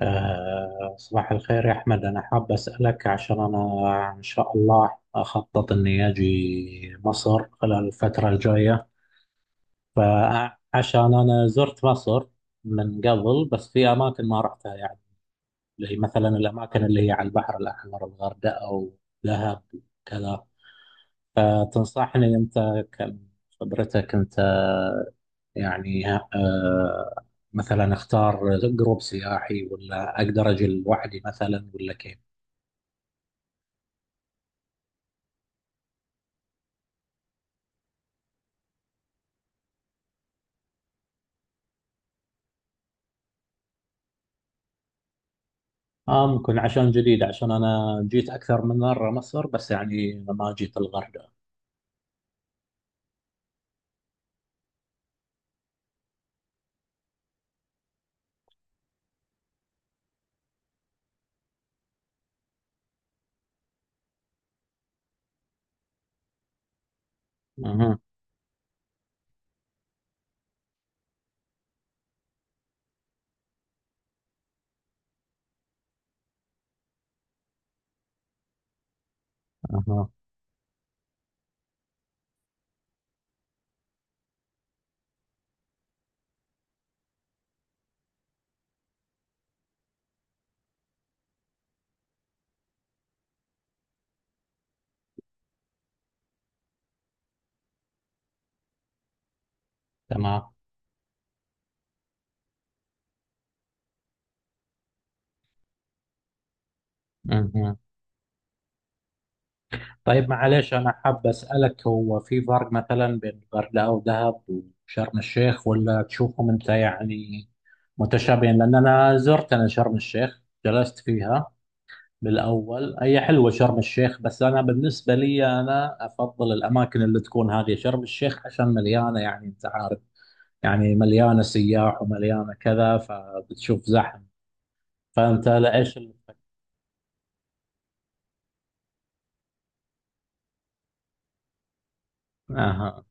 صباح الخير يا أحمد. أنا حاب أسألك عشان أنا إن شاء الله أخطط إني أجي مصر خلال الفترة الجاية. فعشان أنا زرت مصر من قبل بس في أماكن ما رحتها يعني، زي مثلا الأماكن اللي هي على البحر الأحمر، الغردقة ودهب وكذا. فتنصحني أنت كم خبرتك أنت يعني، مثلا أختار جروب سياحي ولا أقدر أجي لوحدي مثلا ولا كيف؟ آه ممكن، عشان جديد، عشان أنا جيت أكثر من مرة مصر بس يعني ما جيت الغردقة. أها. أها. تمام. أها. طيب معليش، أنا حاب أسألك، هو في فرق مثلا بين الغردقة ودهب وشرم الشيخ، ولا تشوفهم أنت يعني متشابهين؟ لأن أنا زرت، أنا شرم الشيخ جلست فيها بالأول. هي حلوة شرم الشيخ، بس أنا بالنسبة لي أنا أفضل الأماكن اللي تكون هذه شرم الشيخ، عشان مليانة يعني، أنت عارف، يعني مليانة سياح ومليانة كذا فبتشوف زحمة. فأنت لإيش اللي. أها.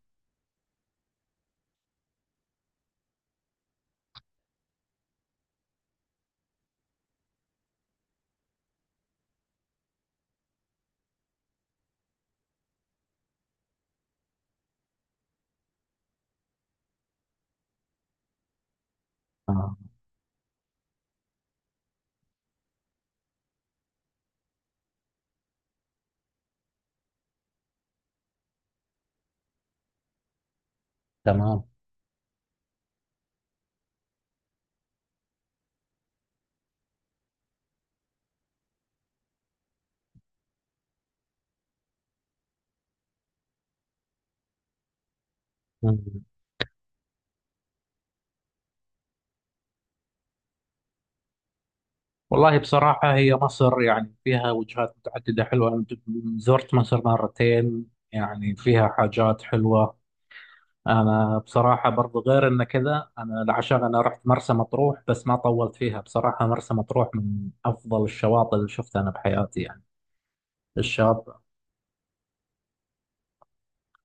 آه. تمام. مم. والله بصراحة هي مصر يعني فيها وجهات متعددة حلوة. أنا زرت مصر مرتين، يعني فيها حاجات حلوة. أنا بصراحة برضو غير إن كذا، أنا عشان أنا رحت مرسى مطروح بس ما طولت فيها. بصراحة مرسى مطروح من أفضل الشواطئ اللي شفتها أنا بحياتي يعني. الشاطئ،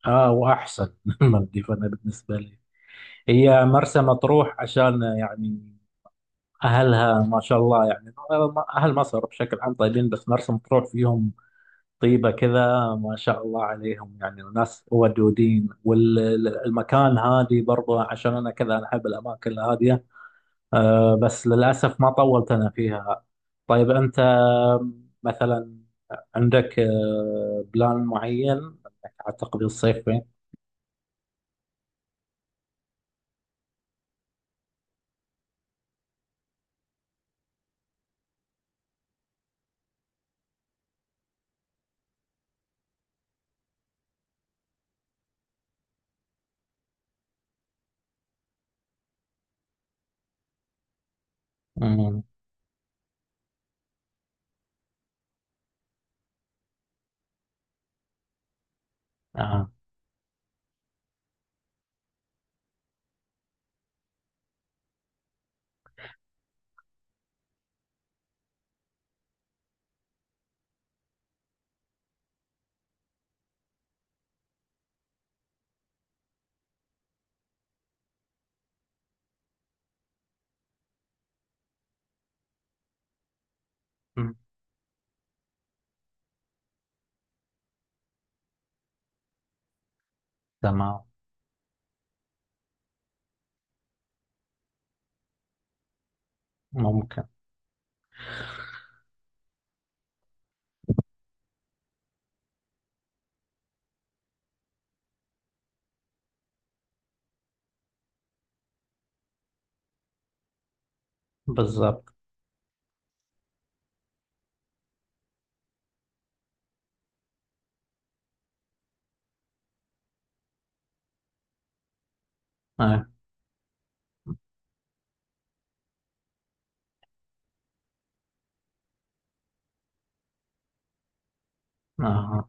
آه، وأحسن من المالديف أنا بالنسبة لي. هي مرسى مطروح عشان يعني أهلها ما شاء الله يعني. أهل مصر بشكل عام طيبين بس مرسى مطروح فيهم طيبة كذا، ما شاء الله عليهم، يعني ناس ودودين، والمكان هادي برضه، عشان أنا كذا، أنا أحب الأماكن الهادية. أه بس للأسف ما طولت أنا فيها. طيب أنت مثلا عندك بلان معين إنك هتقضي الصيف فين؟ أمم. آه. أمم. تمام. ممكن. بالضبط. آه. آه.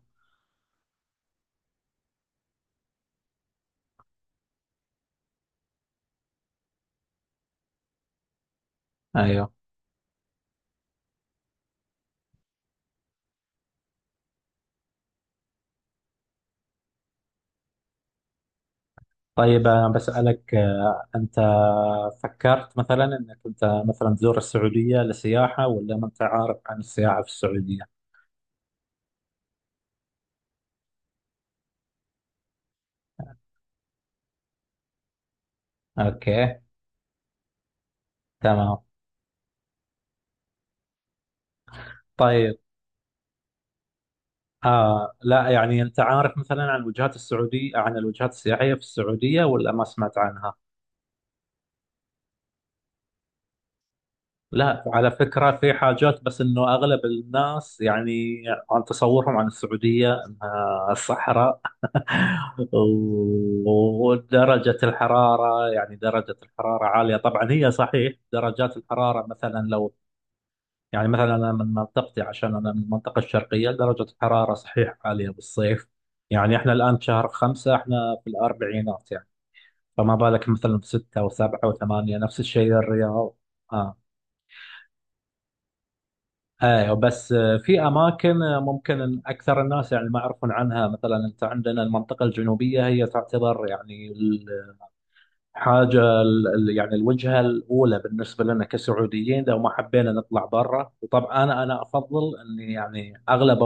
ايوه. طيب انا بسألك، انت فكرت مثلا انك انت مثلا تزور السعودية لسياحة، ولا ما انت عارف عن السياحة في السعودية؟ اوكي. تمام. طيب. آه لا، يعني انت عارف مثلا عن الوجهات السعودية، عن الوجهات السياحية في السعودية، ولا ما سمعت عنها؟ لا، على فكرة في حاجات، بس انه اغلب الناس يعني عن تصورهم عن السعودية انها صحراء. ودرجة الحرارة، يعني درجة الحرارة عالية طبعا. هي صحيح درجات الحرارة مثلا لو، يعني مثلا انا من منطقتي، عشان انا من المنطقة الشرقية، درجة الحرارة صحيح عالية بالصيف. يعني احنا الان شهر 5، احنا في الاربعينات يعني. فما بالك مثلا في 6 و7 و8، نفس الشيء الرياض. آه. ايوه بس. في اماكن ممكن اكثر الناس يعني ما يعرفون عنها. مثلا انت عندنا المنطقه الجنوبيه هي تعتبر يعني الحاجه يعني الوجهه الاولى بالنسبه لنا كسعوديين لو ما حبينا نطلع برا. وطبعا انا افضل اني يعني اغلبه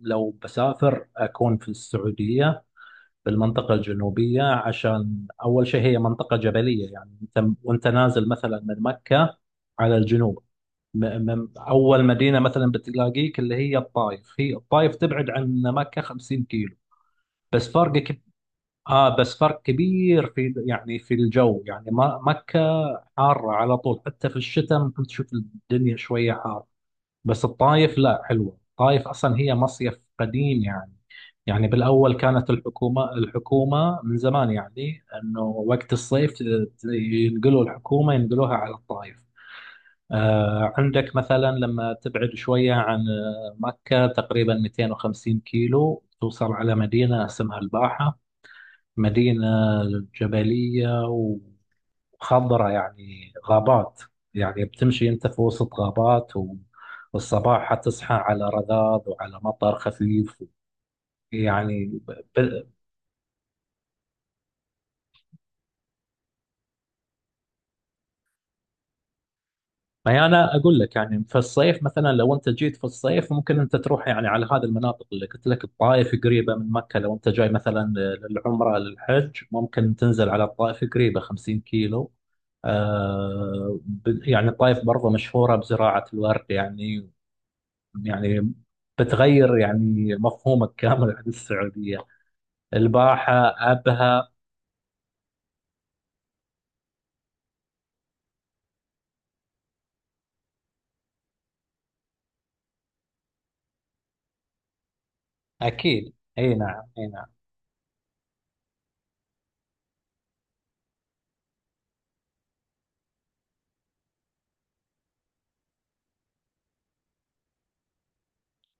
لو بسافر اكون في السعوديه، في المنطقه الجنوبيه. عشان اول شيء هي منطقه جبليه، يعني انت وانت نازل مثلا من مكه على الجنوب، أول مدينة مثلا بتلاقيك اللي هي الطائف. هي الطائف تبعد عن مكة 50 كيلو، بس فرق كب... آه بس فرق كبير في يعني في الجو. يعني ما مكة حارة على طول، حتى في الشتاء ممكن تشوف الدنيا شوية حارة. بس الطائف لا، حلوة الطائف، أصلا هي مصيف قديم يعني. يعني بالأول كانت الحكومة من زمان، يعني أنه وقت الصيف ينقلوا الحكومة، ينقلوها على الطائف. عندك مثلا لما تبعد شوية عن مكة تقريبا 250 كيلو توصل على مدينة اسمها الباحة. مدينة جبلية وخضرة، يعني غابات. يعني بتمشي أنت في وسط غابات، والصباح حتصحى على رذاذ وعلى مطر خفيف يعني. ب- ما هي انا اقول لك، يعني في الصيف مثلا لو انت جيت في الصيف ممكن انت تروح يعني على هذه المناطق اللي قلت لك. الطائف قريبه من مكه، لو انت جاي مثلا للعمره للحج ممكن تنزل على الطائف، قريبه 50 كيلو. يعني الطائف برضه مشهوره بزراعه الورد يعني. يعني بتغير يعني مفهومك كامل عن السعوديه. الباحه. ابها. اكيد، اي نعم، اي نعم.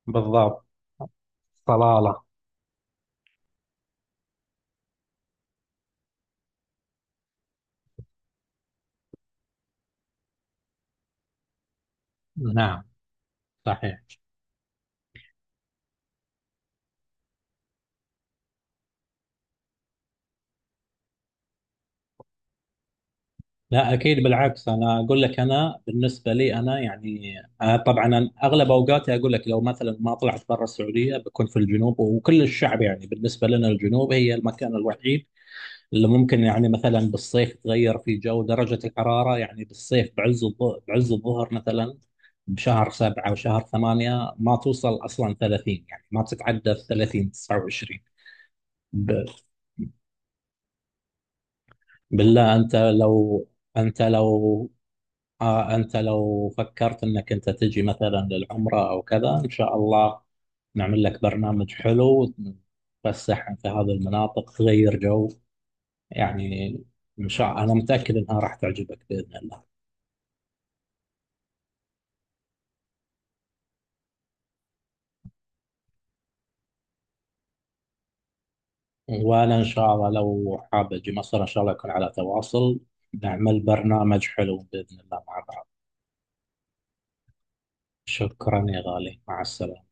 بالضبط. صلاله. نعم. صحيح. لا اكيد، بالعكس، انا اقول لك انا بالنسبه لي انا يعني، طبعا أنا اغلب اوقاتي اقول لك لو مثلا ما طلعت برا السعوديه بكون في الجنوب. وكل الشعب يعني بالنسبه لنا الجنوب هي المكان الوحيد اللي ممكن يعني مثلا بالصيف تغير في جو درجه الحراره، يعني بالصيف بعز الظهر مثلا بشهر سبعة وشهر ثمانية ما توصل أصلا 30، يعني ما تتعدى 30، 29. ب... بالله أنت لو، انت لو آه أنت لو فكرت أنك أنت تجي مثلا للعمرة أو كذا، إن شاء الله نعمل لك برنامج حلو، تفسح في هذه المناطق، تغير جو يعني. إن شاء، أنا متأكد أنها راح تعجبك بإذن الله. وأنا إن شاء الله لو حاب أجي مصر إن شاء الله يكون على تواصل، نعمل برنامج حلو بإذن الله مع بعض. شكرا يا غالي، مع السلامة.